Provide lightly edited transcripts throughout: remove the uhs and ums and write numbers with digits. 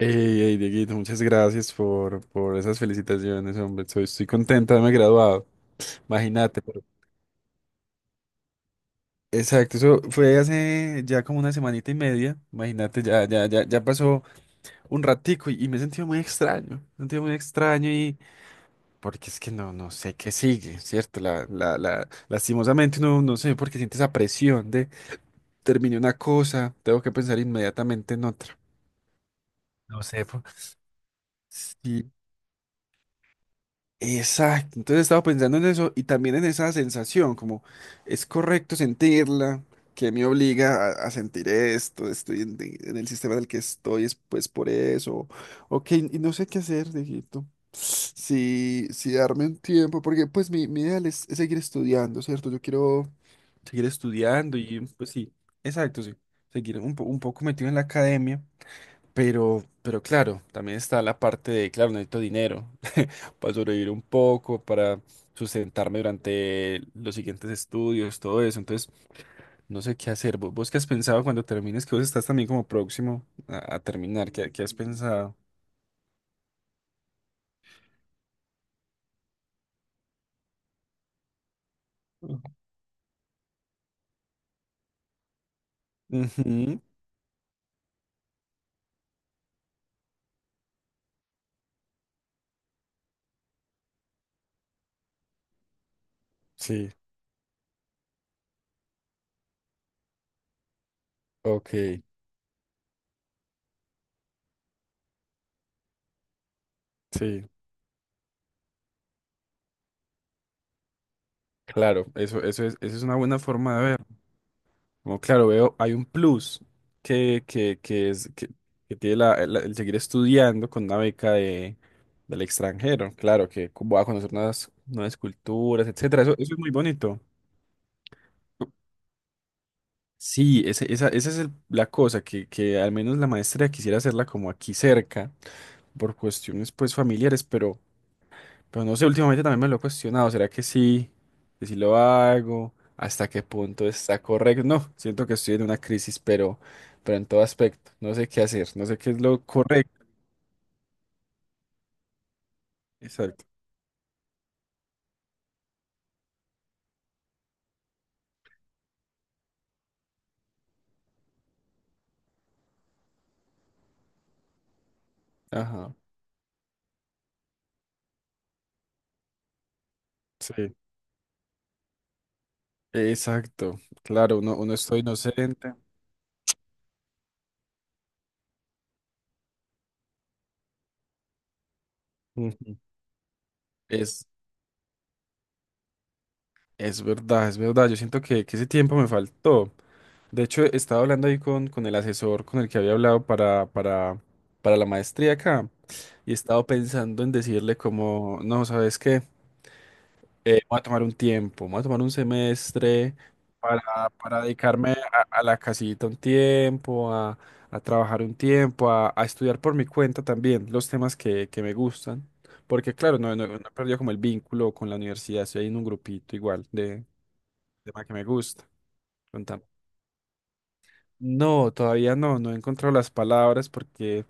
Dieguito, muchas gracias por esas felicitaciones, hombre. Estoy contenta de haberme graduado. Imagínate, pero- Exacto, eso fue hace ya como una semanita y media. Imagínate, ya pasó un ratico y me he sentido muy extraño. Me he sentido muy extraño y porque es que no sé qué sigue, ¿cierto? Lastimosamente no sé por qué siente esa presión de terminé una cosa, tengo que pensar inmediatamente en otra. No sé, pues. Exacto, entonces estaba pensando en eso y también en esa sensación, como es correcto sentirla, que me obliga a sentir esto, estoy en el sistema en el que estoy, es pues por eso, ok, y no sé qué hacer, viejito, si darme un tiempo, porque pues mi ideal es seguir estudiando, ¿cierto? Yo quiero seguir estudiando y pues sí, exacto, sí, seguir un, un poco metido en la academia, pero claro, también está la parte de, claro, necesito dinero, para sobrevivir un poco, para sustentarme durante los siguientes estudios, todo eso. Entonces, no sé qué hacer. ¿Vos qué has pensado cuando termines? Que vos estás también como próximo a terminar. ¿Qué has pensado? Ujú. Sí, ok, sí, claro, eso es una buena forma de ver. Como claro, veo, hay un plus que es que tiene el seguir estudiando con una beca de, del extranjero. Claro, que voy a conocer nuevas culturas, etcétera. Eso es muy bonito. Sí, esa es la cosa, que al menos la maestría quisiera hacerla como aquí cerca, por cuestiones pues familiares, pero no sé, últimamente también me lo he cuestionado, ¿será que sí? ¿Que si lo hago? ¿Hasta qué punto está correcto? No, siento que estoy en una crisis, pero en todo aspecto, no sé qué hacer, no sé qué es lo correcto. Exacto. Ajá, sí. Exacto, claro, uno estoy inocente. Ujú. Es, es verdad, yo siento que ese tiempo me faltó. De hecho, estaba hablando ahí con el asesor con el que había hablado para la maestría acá y estaba pensando en decirle como, no, ¿sabes qué? Voy a tomar un tiempo, voy a tomar un semestre para dedicarme a la casita un tiempo, a trabajar un tiempo, a estudiar por mi cuenta también los temas que me gustan. Porque claro, no he perdido como el vínculo con la universidad, estoy ahí en un grupito igual de tema que me gusta. No, todavía no, no he encontrado las palabras porque,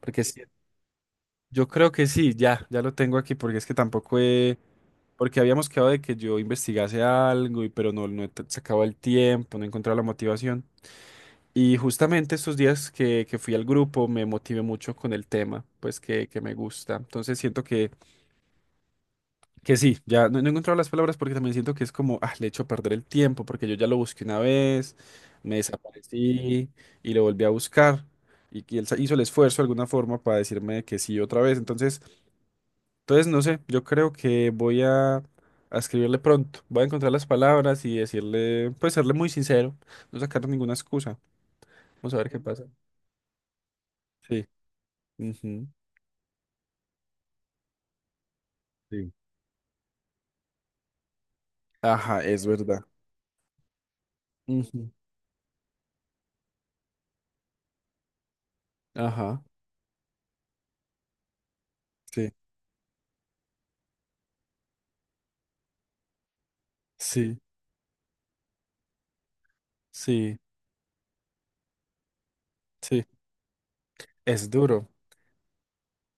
porque sí, yo creo que sí, ya lo tengo aquí porque es que tampoco he, porque habíamos quedado de que yo investigase algo y pero no, sacado el tiempo, no he encontrado la motivación. Y justamente estos días que fui al grupo me motivé mucho con el tema, pues que me gusta. Entonces siento que sí, ya no, no he encontrado las palabras porque también siento que es como, ah, le echo a perder el tiempo porque yo ya lo busqué una vez, me desaparecí y lo volví a buscar y, que hizo el esfuerzo de alguna forma para decirme que sí otra vez. Entonces, entonces no sé, yo creo que voy a escribirle pronto, voy a encontrar las palabras y decirle, pues serle muy sincero, no sacar ninguna excusa. Vamos a ver qué pasa. Sí. Ujú. Sí. Ajá, es verdad. Ujú. Ajá, sí, sí, sí, sí. Es duro.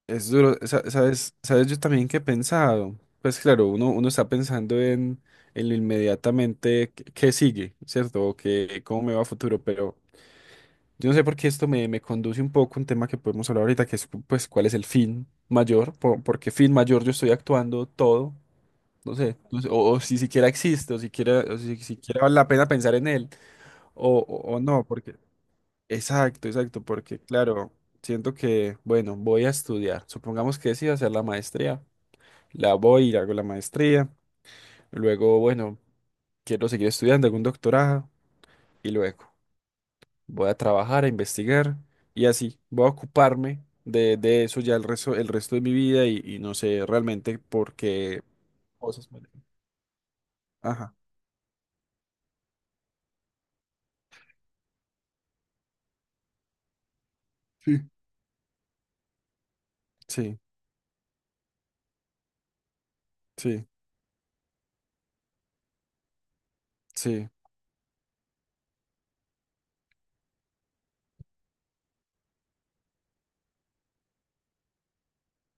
Es duro, ¿sabes? ¿Sabes yo también que he pensado? Pues claro, uno, uno está pensando en lo inmediatamente que sigue, ¿cierto? O que cómo me va a futuro, pero yo no sé por qué esto me, me conduce un poco a un tema que podemos hablar ahorita, que es pues cuál es el fin mayor, por qué fin mayor yo estoy actuando todo, no sé, no sé, o si siquiera existe, o siquiera, o si siquiera vale la pena pensar en él, o no, exacto, exacto, porque claro, siento que, bueno, voy a estudiar. Supongamos que decido hacer la maestría. La voy y hago la maestría. Luego, bueno, quiero seguir estudiando, hago un doctorado. Y luego voy a trabajar, a investigar. Y así, voy a ocuparme de eso ya el resto de mi vida y no sé realmente por qué cosas me... Ajá. Sí. Sí, sí, sí,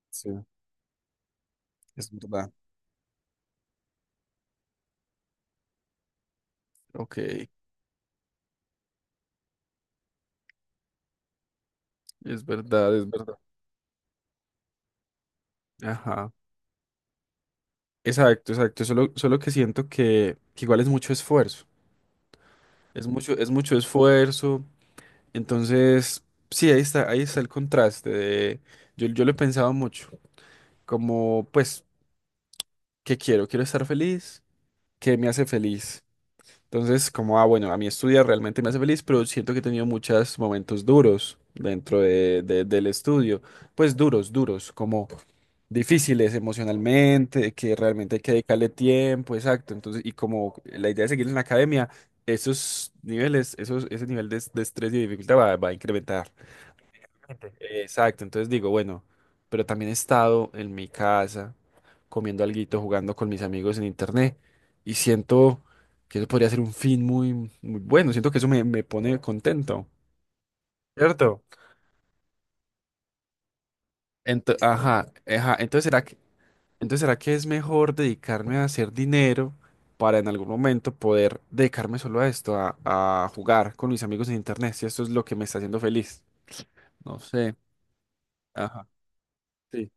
sí, es verdad. Ok, es verdad, es verdad. Ajá. Exacto, exacto. Solo, solo que siento que igual es mucho esfuerzo. Es mucho esfuerzo. Entonces, sí, ahí está yo, yo lo he pensado mucho. Como, pues, ¿qué quiero? Quiero estar feliz. ¿Qué me hace feliz? Entonces, como, ah, bueno, a mí estudiar realmente me hace feliz, pero siento que he tenido muchos momentos duros dentro del estudio. Pues duros, duros, como difíciles emocionalmente, que realmente hay que dedicarle tiempo, exacto. Entonces, y como la idea de seguir en la academia, esos niveles, esos, ese nivel de estrés y de dificultad va, va a incrementar. Sí. Exacto. Entonces digo, bueno, pero también he estado en mi casa comiendo alguito, jugando con mis amigos en internet. Y siento que eso podría ser un fin muy, muy bueno. Siento que eso me, me pone contento. ¿Cierto? Ajá, ajá. Entonces, ¿será que es mejor dedicarme a hacer dinero para en algún momento poder dedicarme solo a esto, a jugar con mis amigos en internet? Si esto es lo que me está haciendo feliz. No sé. Ajá. Sí,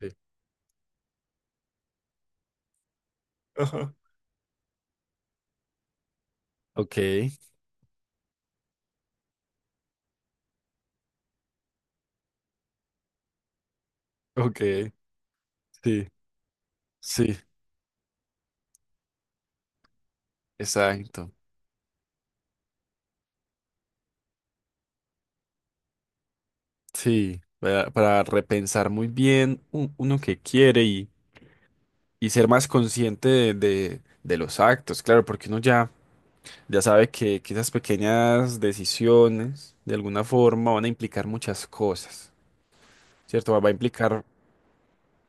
sí. Ajá. Ok, ok, sí, sí, exacto. Sí, para repensar muy bien uno que quiere y ser más consciente de los actos, claro, porque uno ya, ya sabe que esas pequeñas decisiones de alguna forma van a implicar muchas cosas, ¿cierto? Va, va a implicar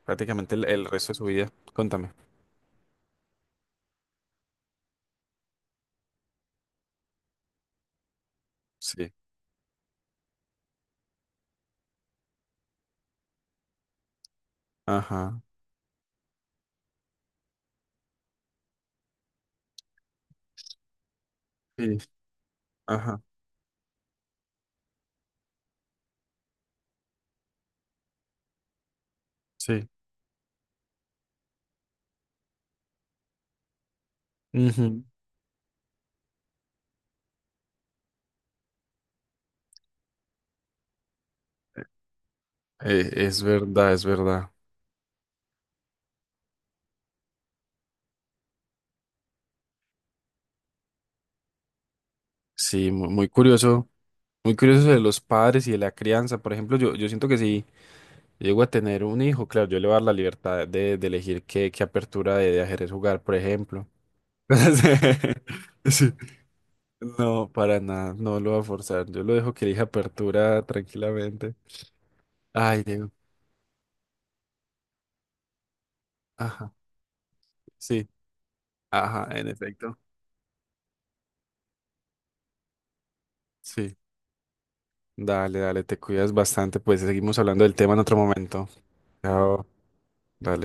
prácticamente el resto de su vida. Contame. Sí. Ajá. Sí. Ajá. Sí. Ujú. Es verdad, es verdad. Sí, muy curioso. Muy curioso de los padres y de la crianza. Por ejemplo, yo siento que sí. Llego a tener un hijo, claro, yo le voy a dar la libertad de elegir qué, qué apertura de ajedrez jugar, por ejemplo. Sí. No, para nada, no lo voy a forzar. Yo lo dejo que elija apertura tranquilamente. Ay, Diego. Ajá, sí, ajá, en efecto. Sí, dale, dale, te cuidas bastante. Pues seguimos hablando del tema en otro momento. Chao. Dale.